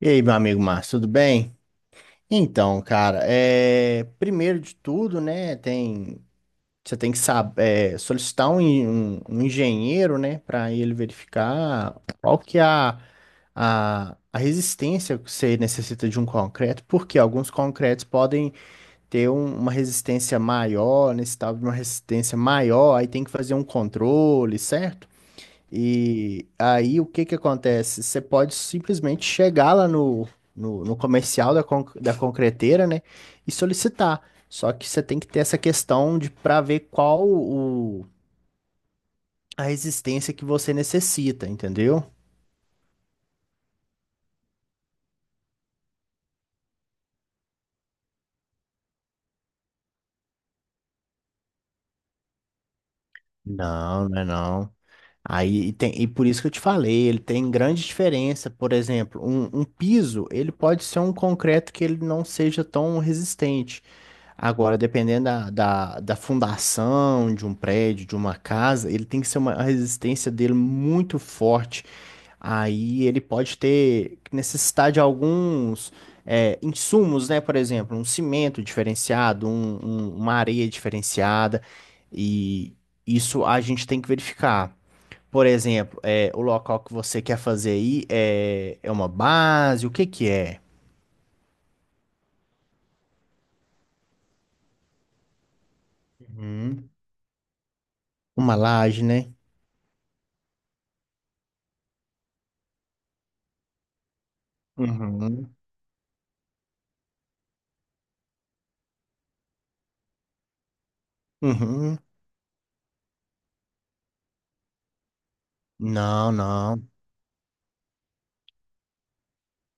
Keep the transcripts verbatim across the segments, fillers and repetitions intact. E aí, meu amigo Márcio, tudo bem? Então, cara, é... primeiro de tudo, né, tem... você tem que saber, solicitar um, um- um engenheiro, né, para ele verificar qual que é a, a, a resistência que você necessita de um concreto, porque alguns concretos podem ter um- uma resistência maior, necessitar de uma resistência maior, aí tem que fazer um controle, certo? E aí o que que acontece? Você pode simplesmente chegar lá no, no, no comercial da, con- da concreteira, né? E solicitar. Só que você tem que ter essa questão de para ver qual o, a resistência que você necessita, entendeu? Não, não é não. Aí e tem, e por isso que eu te falei, ele tem grande diferença. Por exemplo, um, um piso, ele pode ser um concreto que ele não seja tão resistente. Agora, dependendo da, da, da fundação de um prédio, de uma casa, ele tem que ser uma a resistência dele muito forte. Aí ele pode ter necessidade de alguns é, insumos, né? Por exemplo, um cimento diferenciado, um- um- uma areia diferenciada. E isso a gente tem que verificar. Por exemplo, é, o local que você quer fazer aí é, é uma base? O que que é? Uhum. Uma laje, né? Uhum. Uhum. Não, não.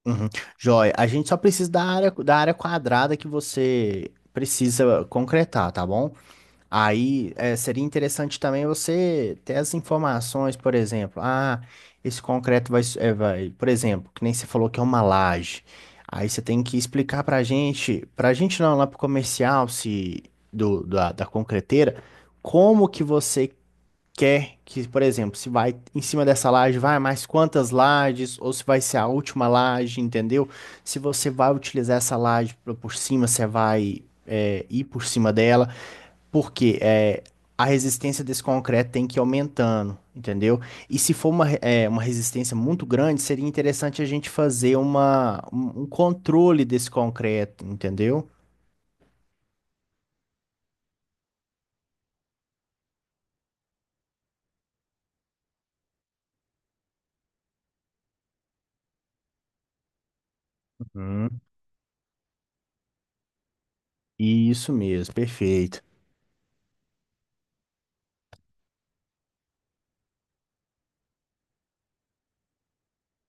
Uhum. Joia, a gente só precisa da área, da área quadrada que você precisa concretar, tá bom? Aí é, seria interessante também você ter as informações, por exemplo, ah, esse concreto vai, s- é, vai, por exemplo, que nem você falou que é uma laje. Aí você tem que explicar pra gente, pra gente não, lá pro comercial, se do, da, da concreteira, como que você quer que, por exemplo, se vai em cima dessa laje, vai mais quantas lajes, ou se vai ser a última laje, entendeu? Se você vai utilizar essa laje pra- por cima, você vai é, ir por cima dela, porque é, a resistência desse concreto tem que ir aumentando, entendeu? E se for uma, re- é, uma resistência muito grande, seria interessante a gente fazer uma, um um controle desse concreto, entendeu? Uhum. Isso mesmo, perfeito.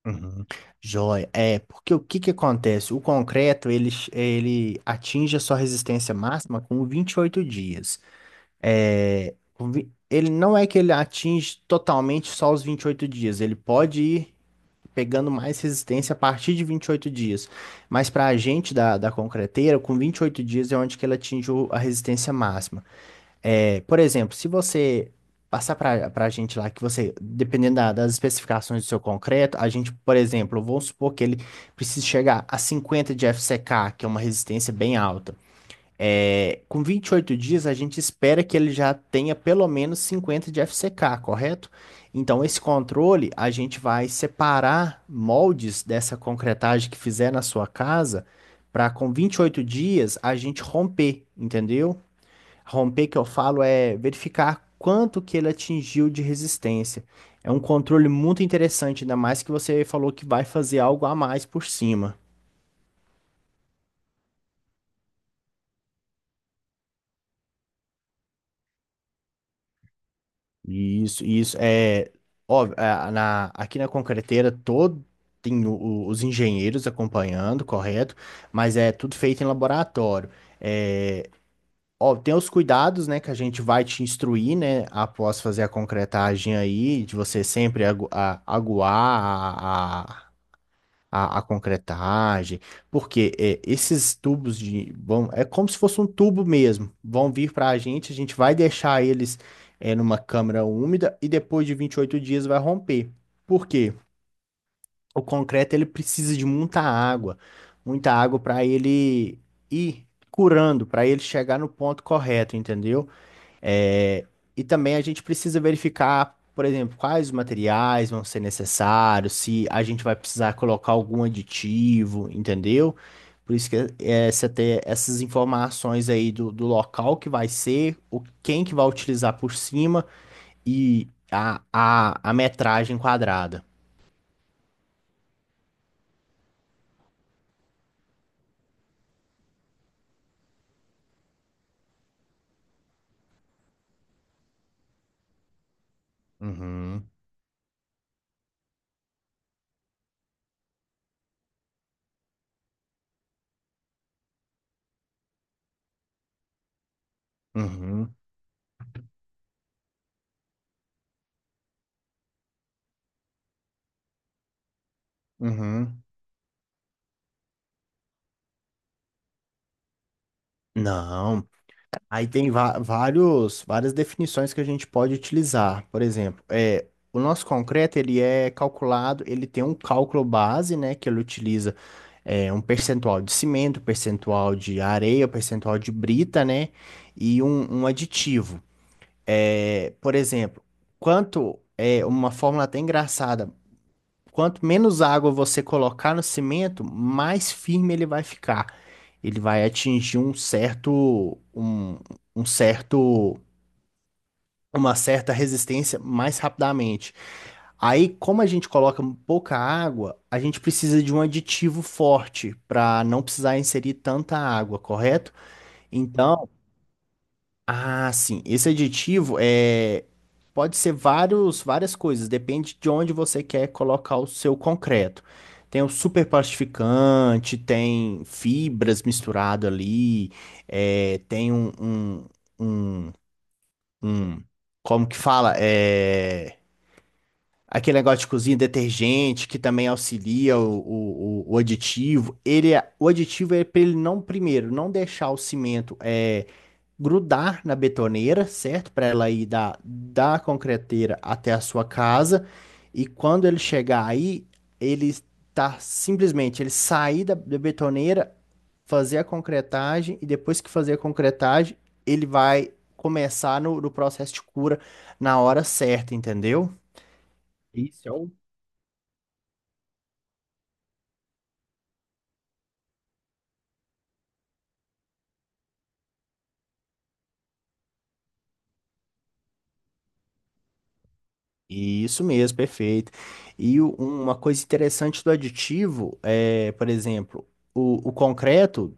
Uhum. Joia. É, porque o que que acontece? O concreto, ele, ch- ele atinge a sua resistência máxima com vinte e oito dias. É, com vi- ele não é que ele atinge totalmente só os vinte e oito dias, ele pode ir pegando mais resistência a partir de vinte e oito dias. Mas para a gente da, da concreteira, com vinte e oito dias é onde que ele atinge o- a resistência máxima. É, por exemplo, se você passar para para a gente lá que você, dependendo da- das especificações do seu concreto, a gente, por exemplo, vamos supor que ele precise chegar a cinquenta de F C K, que é uma resistência bem alta. É, com vinte e oito dias, a gente espera que ele já tenha pelo menos cinquenta de F C K, correto? Então, esse controle, a gente vai separar moldes dessa concretagem que fizer na sua casa, para com vinte e oito dias a gente romper, entendeu? Romper que eu falo é verificar quanto que ele atingiu de resistência. É um controle muito interessante, ainda mais que você falou que vai fazer algo a mais por cima. E Isso, e isso é óbvio, é, na, aqui na concreteira todo tem o- o- os engenheiros acompanhando, correto? Mas é tudo feito em laboratório. É, ó, tem os cuidados, né, que a gente vai te instruir, né, após fazer a concretagem aí, de você sempre agu- a- aguar a, a, a concretagem, porque é, esses tubos de vão, é como se fosse um tubo mesmo, vão vir para a gente, a gente vai deixar eles é, numa câmara úmida e depois de vinte e oito dias vai romper. Por quê? O concreto ele precisa de muita água, muita água para ele ir curando, para ele chegar no ponto correto, entendeu? É, e também a gente precisa verificar, por exemplo, quais os materiais vão ser necessários, se a gente vai precisar colocar algum aditivo, entendeu? Por isso que é, você ter essas informações aí do, do local que vai ser, o, quem que vai utilizar por cima e a, a, a metragem quadrada. Uhum, uhum, uhum. Não. Aí tem va- vários, várias definições que a gente pode utilizar. Por exemplo, é, o nosso concreto ele é calculado, ele tem um cálculo base, né, que ele utiliza é, um percentual de cimento, percentual de areia, percentual de brita, né, e um, um aditivo. É, por exemplo, quanto é uma fórmula até engraçada. Quanto menos água você colocar no cimento, mais firme ele vai ficar. Ele vai atingir um certo, um, um certo, uma certa resistência mais rapidamente. Aí, como a gente coloca pouca água, a gente precisa de um aditivo forte para não precisar inserir tanta água, correto? Então, ah, sim. Esse aditivo é pode ser vários, várias coisas, depende de onde você quer colocar o seu concreto. Tem o superplastificante, tem fibras misturado ali, é, tem um, um, um, um- como que fala? É, aquele negócio de cozinha, detergente, que também auxilia o, o, o o aditivo. Ele, é- o aditivo é para ele não, primeiro, não deixar o cimento. é, grudar na betoneira, certo? Para ela ir da, da concreteira até a sua casa. E quando ele chegar aí, ele tá simplesmente, ele sair da, da betoneira, fazer a concretagem, e depois que fazer a concretagem, ele vai começar no, no processo de cura na hora certa, entendeu? Isso, é um Isso mesmo, perfeito. E o- uma coisa interessante do aditivo é, por exemplo, o, o concreto,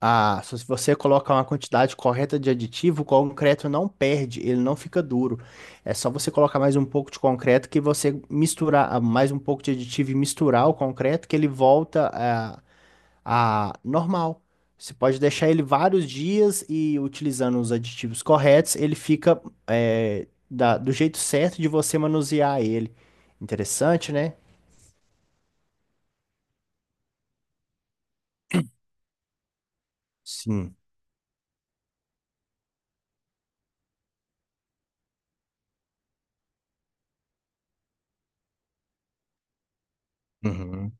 a, se você colocar uma quantidade correta de aditivo, o concreto não perde, ele não fica duro. É só você colocar mais um pouco de concreto que você misturar ah, mais um pouco de aditivo e misturar o concreto que ele volta a normal. Você pode deixar ele vários dias e utilizando os aditivos corretos, ele fica é, da- do jeito certo de você manusear ele. Interessante, né? Sim. Uhum.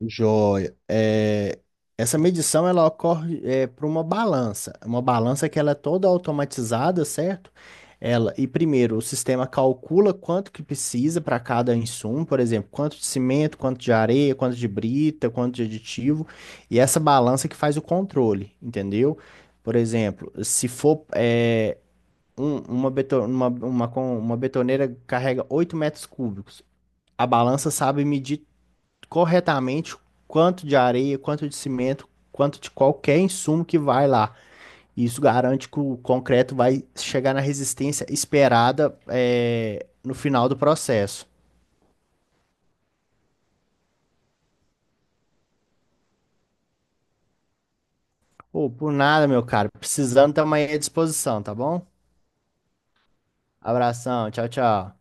Joia. É, essa medição ela ocorre é, para uma balança, uma balança que ela é toda automatizada, certo? Ela e primeiro o sistema calcula quanto que precisa para cada insumo, por exemplo, quanto de cimento, quanto de areia, quanto de brita, quanto de aditivo, e essa balança que faz o controle, entendeu? Por exemplo, se for é, um- uma, beto- uma, uma, com- uma betoneira carrega oito metros cúbicos, a balança sabe medir corretamente quanto de areia, quanto de cimento, quanto de qualquer insumo que vai lá. Isso garante que o concreto vai chegar na resistência esperada, é, no final do processo. Ô, por nada, meu caro. Precisando, também à disposição, tá bom? Abração, tchau, tchau.